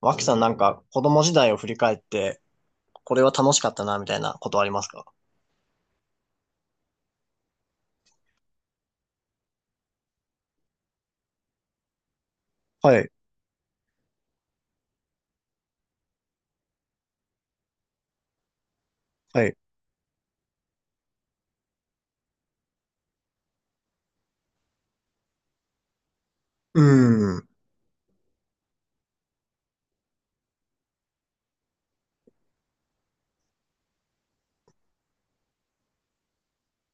脇さんなんか子供時代を振り返って、これは楽しかったな、みたいなことありますか？はい、はい。うーん。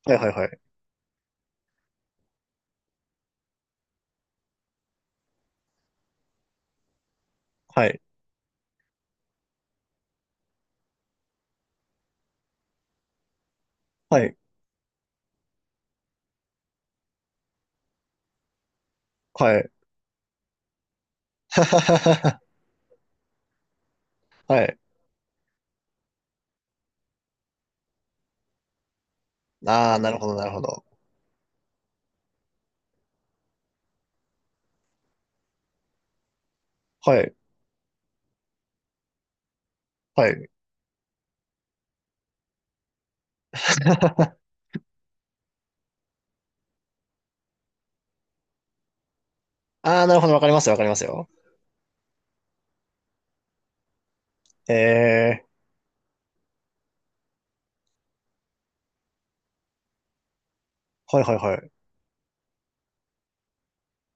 はい、はい、はい。はい、はい、はい。はい。ああ、なるほど、なるほど。はい、はい。ああ、なるほど、わかりますよ、わかりますよ。ええー、はい、はい、はい。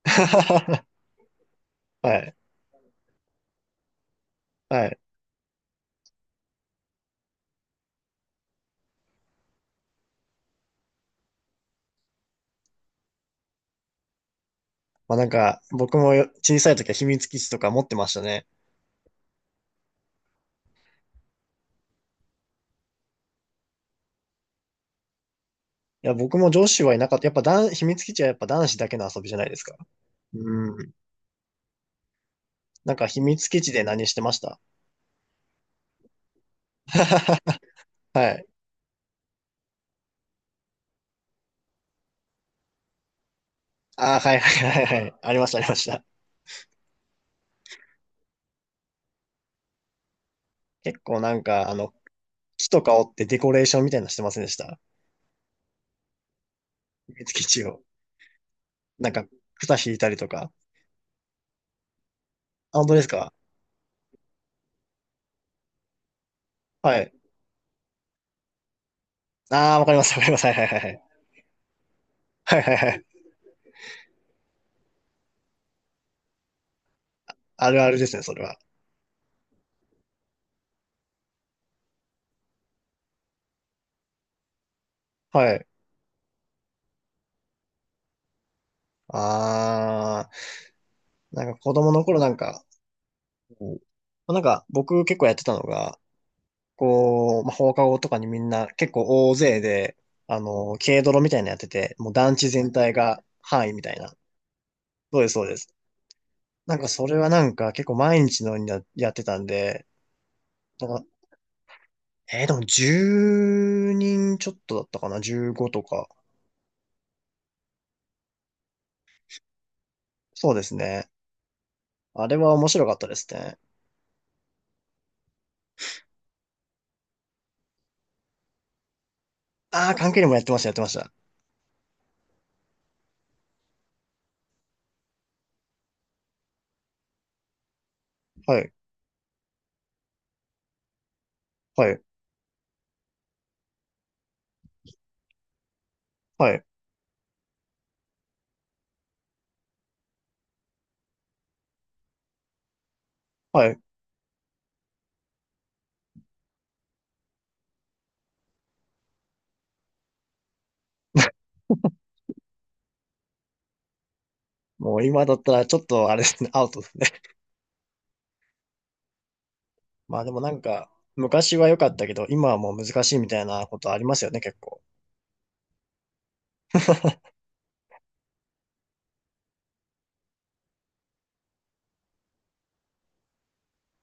はい、はい。まあなんか、僕も小さい時は秘密基地とか持ってましたね。いや、僕も上司はいなかった。やっぱ男、秘密基地はやっぱ男子だけの遊びじゃないですか。うん。なんか秘密基地で何してました？ はい。ああ、はいはいはいはい。ありました、ありました。結構なんか、あの、木とか折ってデコレーションみたいなのしてませんでした？秘密地を。なんか、草引いたりとか。あ、本当ですか？はい。ああ、わかります、わかります。はいはいはいはい。はいはいはい。あるあるですね、それは。はい。ああ、なんか子供の頃なんか、こうなんか僕結構やってたのが、こう、まあ、放課後とかにみんな結構大勢で、あの、軽泥みたいなのやってて、もう団地全体が範囲みたいな。そうです、そうです。なんかそれはなんか結構毎日のようにやってたんで、なんか、えーでも10人ちょっとだったかな？ 15 とか。そうですね。あれは面白かったですね。ああ、関係にもやってました、やってました。はい、はい、はい、はい。もう今だったらちょっとあれですね、アウトですね。まあでもなんか、昔は良かったけど、今はもう難しいみたいなことありますよね、結構。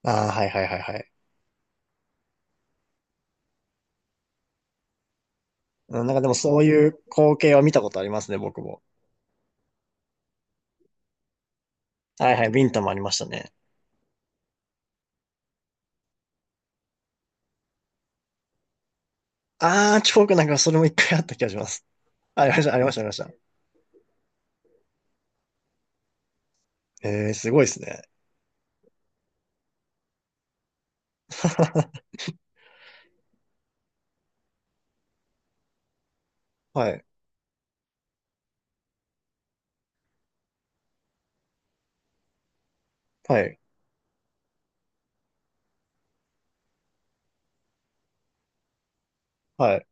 ああ、はいはいはいはい。うん、なんかでもそういう光景は見たことありますね、僕も。はいはい、ビンタもありましたね。ああ、なんかそれも一回あった気がします。あ、ありました、ありました、ありました。ええー、すごいですね。はい、はい、はい。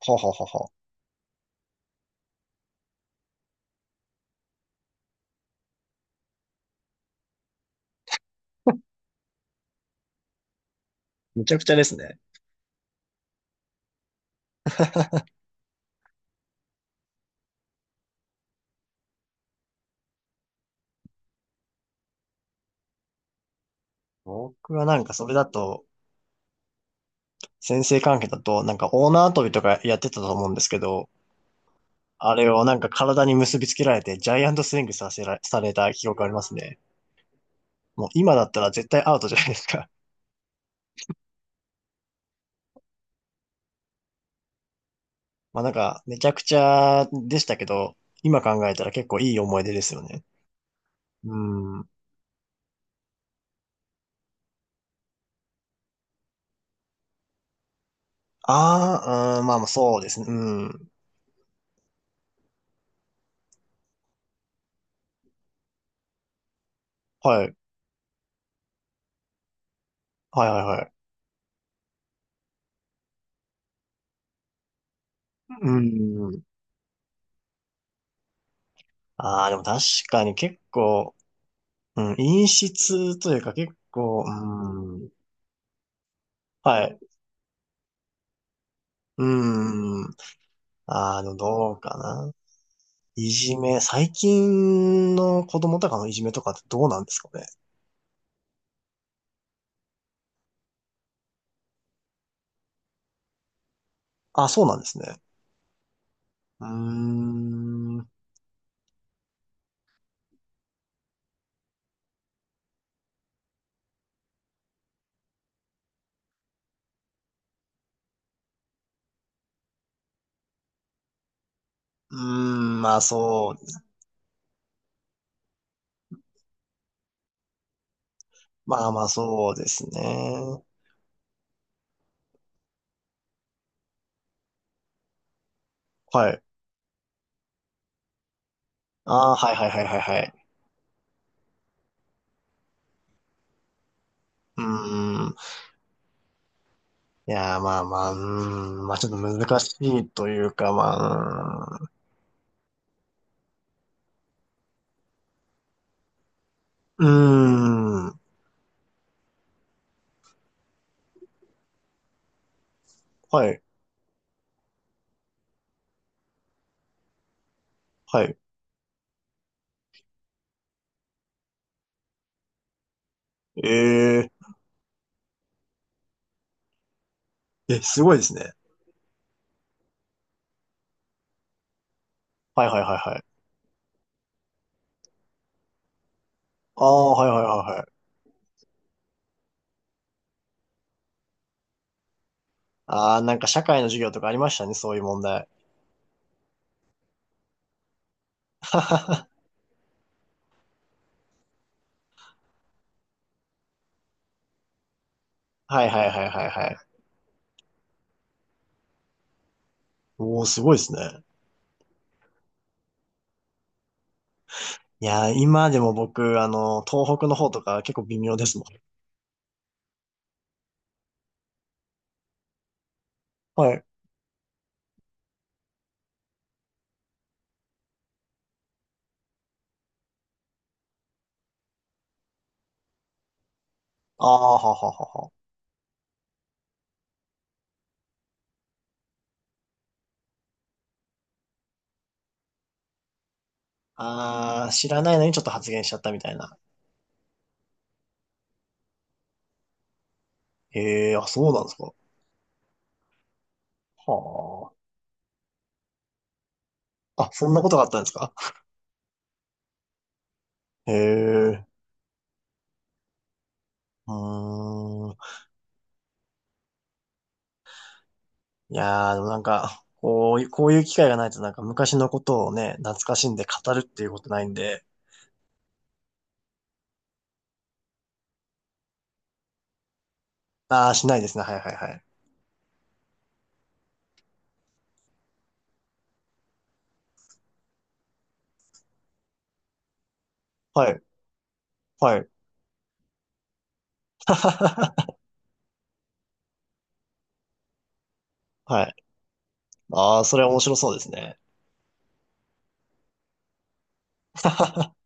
はははは。むちゃくちゃですね。僕はなんかそれだと、先生関係だと、なんかオーナー跳びとかやってたと思うんですけど、あれをなんか体に結びつけられて、ジャイアントスイングさせら、された記憶ありますね。もう今だったら絶対アウトじゃないですか。まあなんか、めちゃくちゃでしたけど、今考えたら結構いい思い出ですよね。うん。ああ、うん、まあまあそうですね。うん。はい。はいはいはい。うん。ああ、でも確かに結構、うん、陰湿というか結構、うん。はい。うん。ああ、でもどうかな。いじめ、最近の子供とかのいじめとかってどうなんですかね？あ、そうなんですね。うーん。うーん、まあそう。まあまあそうですね。はい。ああ、はいはいはいはいはい。うーん。いやー、まあまあ、うーん、まあちょっと難しいというか、まあ、うーん、うーん、はい、はい。えええ、すごいですね。はいはいはいはい。ああ、はいはいはいはい。ああ、なんか社会の授業とかありましたね、そういう問題。はいはいはいはいはい。おー、すごいですね。いやー、今でも僕、あの、東北の方とか結構微妙ですもん。はい。ああ、はははは。ああ、知らないのにちょっと発言しちゃったみたいな。ええ、あ、そうなんですか？はあ。あ、そんなことがあったんですか？へえ、うーん。いやー、でもなんか、こういう、こういう機会がないとなんか昔のことをね、懐かしんで語るっていうことないんで、あー、しないですね。はいはいはい。はい、はい。はい。あー、それは面白そうですね。